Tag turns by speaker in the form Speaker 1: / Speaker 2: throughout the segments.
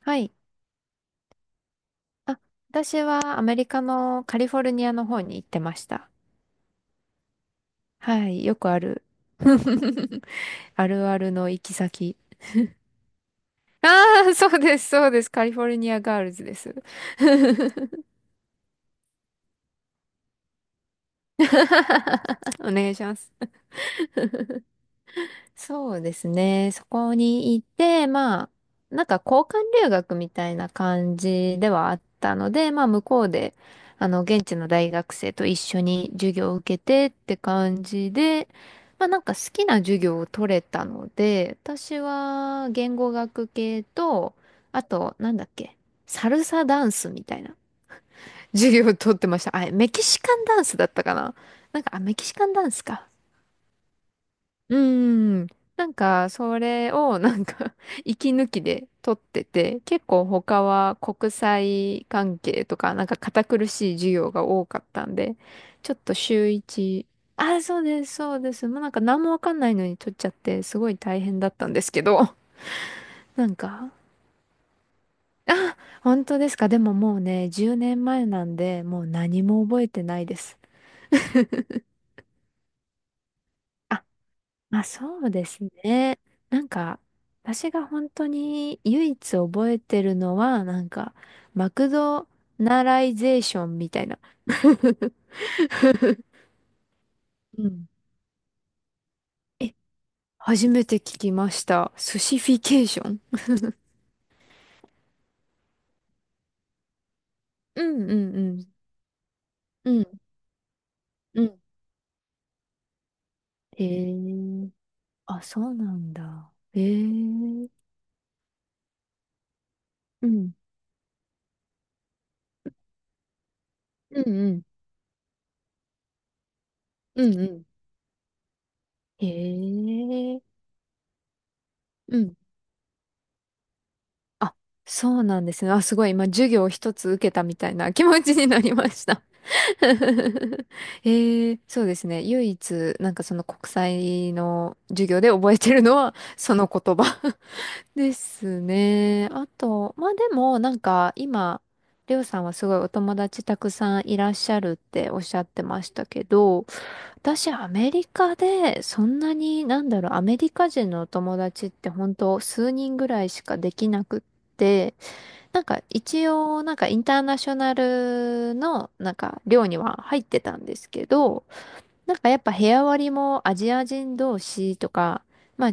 Speaker 1: はい。あ、私はアメリカのカリフォルニアの方に行ってました。はい。よくある。あるあるの行き先。ああ、そうです、そうです。カリフォルニアガールズです。お願いします。そうですね。そこにいて、まあ、なんか交換留学みたいな感じではあったので、まあ向こうで、現地の大学生と一緒に授業を受けてって感じで、まあなんか好きな授業を取れたので、私は言語学系と、あと、なんだっけ、サルサダンスみたいな 授業を取ってました。あ、メキシカンダンスだったかな。なんか、あ、メキシカンダンスか。うーん。なんか、それを、なんか 息抜きで撮ってて、結構他は国際関係とか、なんか堅苦しい授業が多かったんで、ちょっと週一、あ、そうです、そうです。もうなんか何もわかんないのに撮っちゃって、すごい大変だったんですけど、なんか、あ、本当ですか。でももうね、10年前なんで、もう何も覚えてないです。まあそうですね。なんか、私が本当に唯一覚えてるのは、なんか、マクドナライゼーションみたいな。うん。え、初めて聞きました。スシフィケーション。うんうんうん。うんうん。へえ。あ、そうなんだ。へえ。うん。うんうん。うんうん。へえ。うん。あ、そうなんですね。あ、すごい。今、授業を一つ受けたみたいな 気持ちになりました。そうですね。唯一、なんかその国際の授業で覚えてるのは、その言葉 ですね。あと、まあでも、なんか今、りょうさんはすごいお友達たくさんいらっしゃるっておっしゃってましたけど、私アメリカでそんなになんだろう、アメリカ人のお友達って本当数人ぐらいしかできなくって、なんか一応、なんかインターナショナルの、なんか寮には入ってたんですけど、なんかやっぱ部屋割りもアジア人同士とか、まあ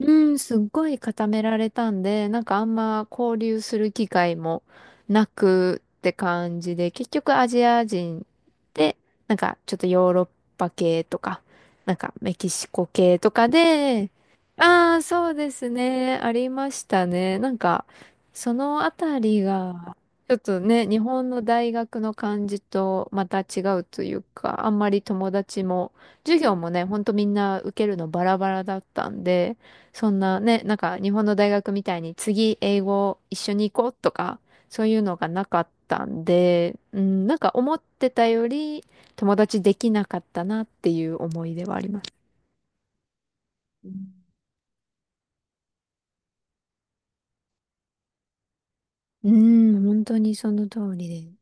Speaker 1: うん、すっごい固められたんで、なんかあんま交流する機会もなくって感じで、結局アジア人で、なんかちょっとヨーロッパ系とか、なんかメキシコ系とかで、ああ、そうですね、ありましたね。なんか、そのあたりが、ちょっとね、日本の大学の感じとまた違うというか、あんまり友達も、授業もね、ほんとみんな受けるのバラバラだったんで、そんなね、なんか日本の大学みたいに次英語一緒に行こうとか、そういうのがなかったんで、うん、なんか思ってたより友達できなかったなっていう思い出はあります。うん、本当にその通りで。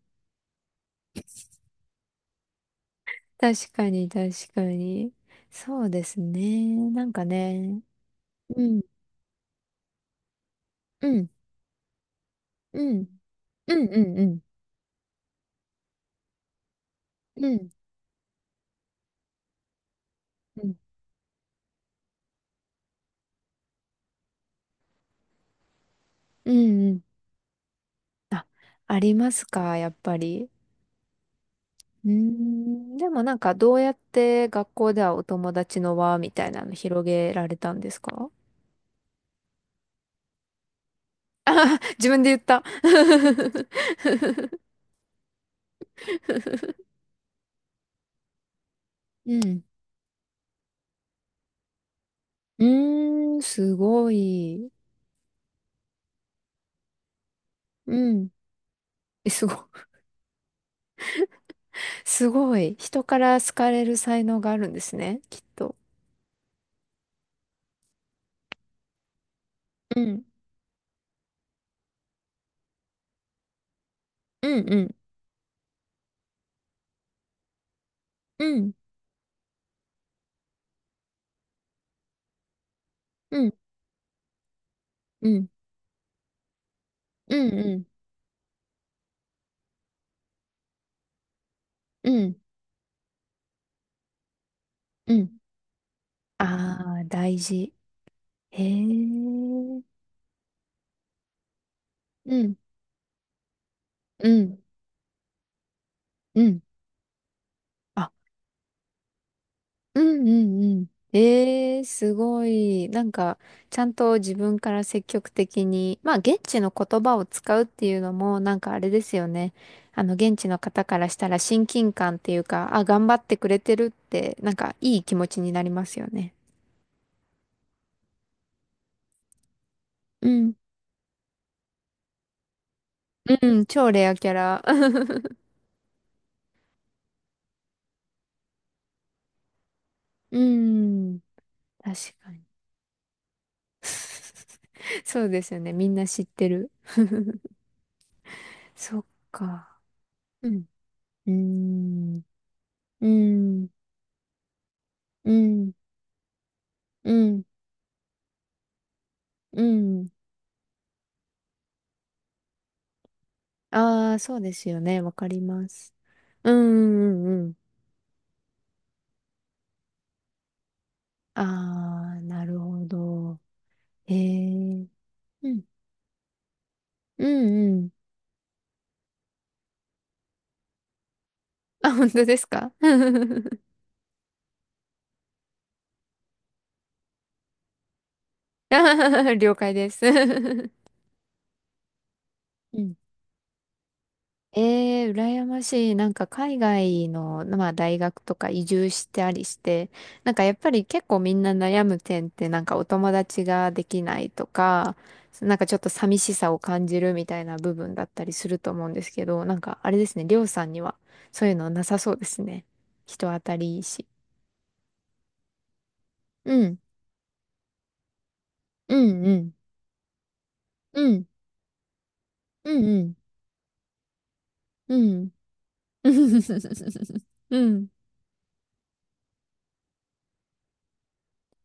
Speaker 1: 確かに確かに。そうですね。なんかね。うん、うん、うん、うん、うん、うん、うん、うん、うん。うん。あ、ありますか、やっぱり。うーん、でもなんかどうやって学校ではお友達の輪みたいなの広げられたんですか。 自分で言った。うん。うーん、すごい。うん。え、すご、すごい。人から好かれる才能があるんですね、きっと。うん。うんうん。うん。うん。うん。うんうん。うん。うん。ああ大事。へえ。うん。うん。うん。あ、うんうんうん。えー、すごい。なんか、ちゃんと自分から積極的に、まあ、現地の言葉を使うっていうのも、なんかあれですよね。現地の方からしたら親近感っていうか、あ、頑張ってくれてるって、なんか、いい気持ちになりますよね。うん。うん、超レアキャラ。うん、確かに。そうですよね。みんな知ってる。そっか。うん。うーん。うーん。うーん。うん、うん。ああ、そうですよね。わかります。うん、うん、うんうん。ああ、なるほど。へえ。うん、うん、うん。あ、本当ですか。 了解です。 うん。ええー羨ましい。なんか海外の、まあ、大学とか移住してありして、なんかやっぱり結構みんな悩む点ってなんかお友達ができないとか、なんかちょっと寂しさを感じるみたいな部分だったりすると思うんですけど、なんかあれですね、りょうさんにはそういうのなさそうですね。人当たりいいし。うん、うん、うん、うん、うん、うん、うん。うん。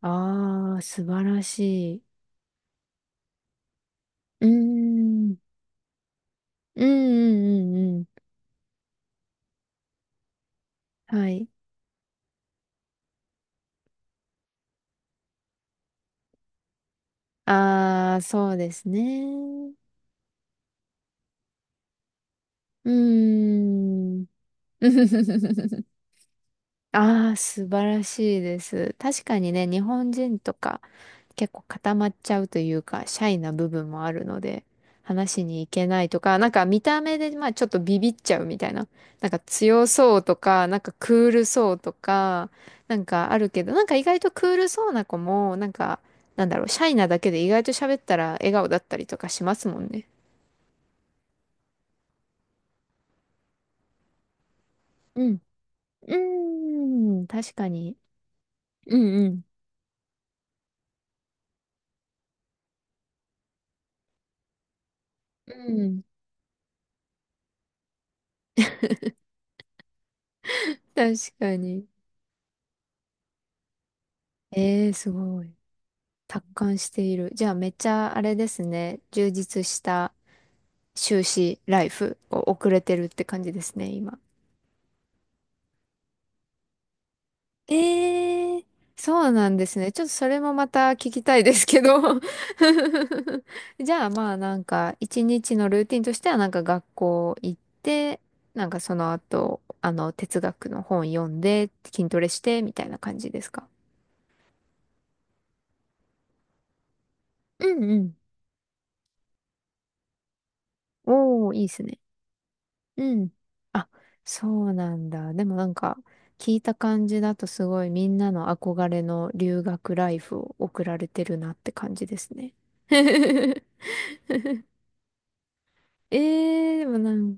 Speaker 1: ああ、素晴らしい。うーん。うんうんうんうん。はい。ああ、そうですね。うーん。ああ、素晴らしいです。確かにね、日本人とか結構固まっちゃうというか、シャイな部分もあるので、話しに行けないとか、なんか見た目で、まあちょっとビビっちゃうみたいな。なんか強そうとか、なんかクールそうとか、なんかあるけど、なんか意外とクールそうな子も、なんか、なんだろう、シャイなだけで意外と喋ったら笑顔だったりとかしますもんね。うん。うーん、確かに。うんうん。うん、確かに。ええー、すごい。達観している。じゃあめっちゃあれですね。充実した修士ライフを送れてるって感じですね、今。えー、そうなんですね。ちょっとそれもまた聞きたいですけど。 じゃあまあなんか一日のルーティンとしてはなんか学校行って、なんかその後、あの哲学の本読んで、筋トレしてみたいな感じですか。うんうん。おー、いいっすね。うん。あ、そうなんだ。でもなんか、聞いた感じだとすごいみんなの憧れの留学ライフを送られてるなって感じですね。えー、でもなん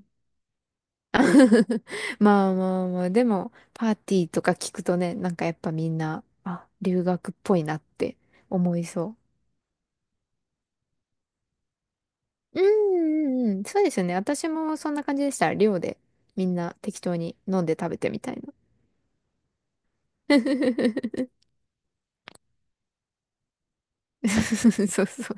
Speaker 1: まあまあまあ、でも、パーティーとか聞くとね、なんかやっぱみんな、あ、留学っぽいなって思いそう。うんうんうん、そうですよね。私もそんな感じでした。寮でみんな適当に飲んで食べてみたいな。そうそうそう。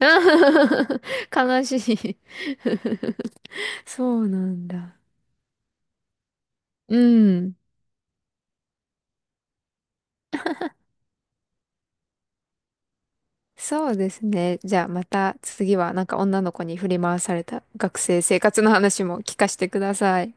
Speaker 1: 悲しい。そうなんだ。うん。そうですね。じゃあまた次はなんか女の子に振り回された学生生活の話も聞かせてください。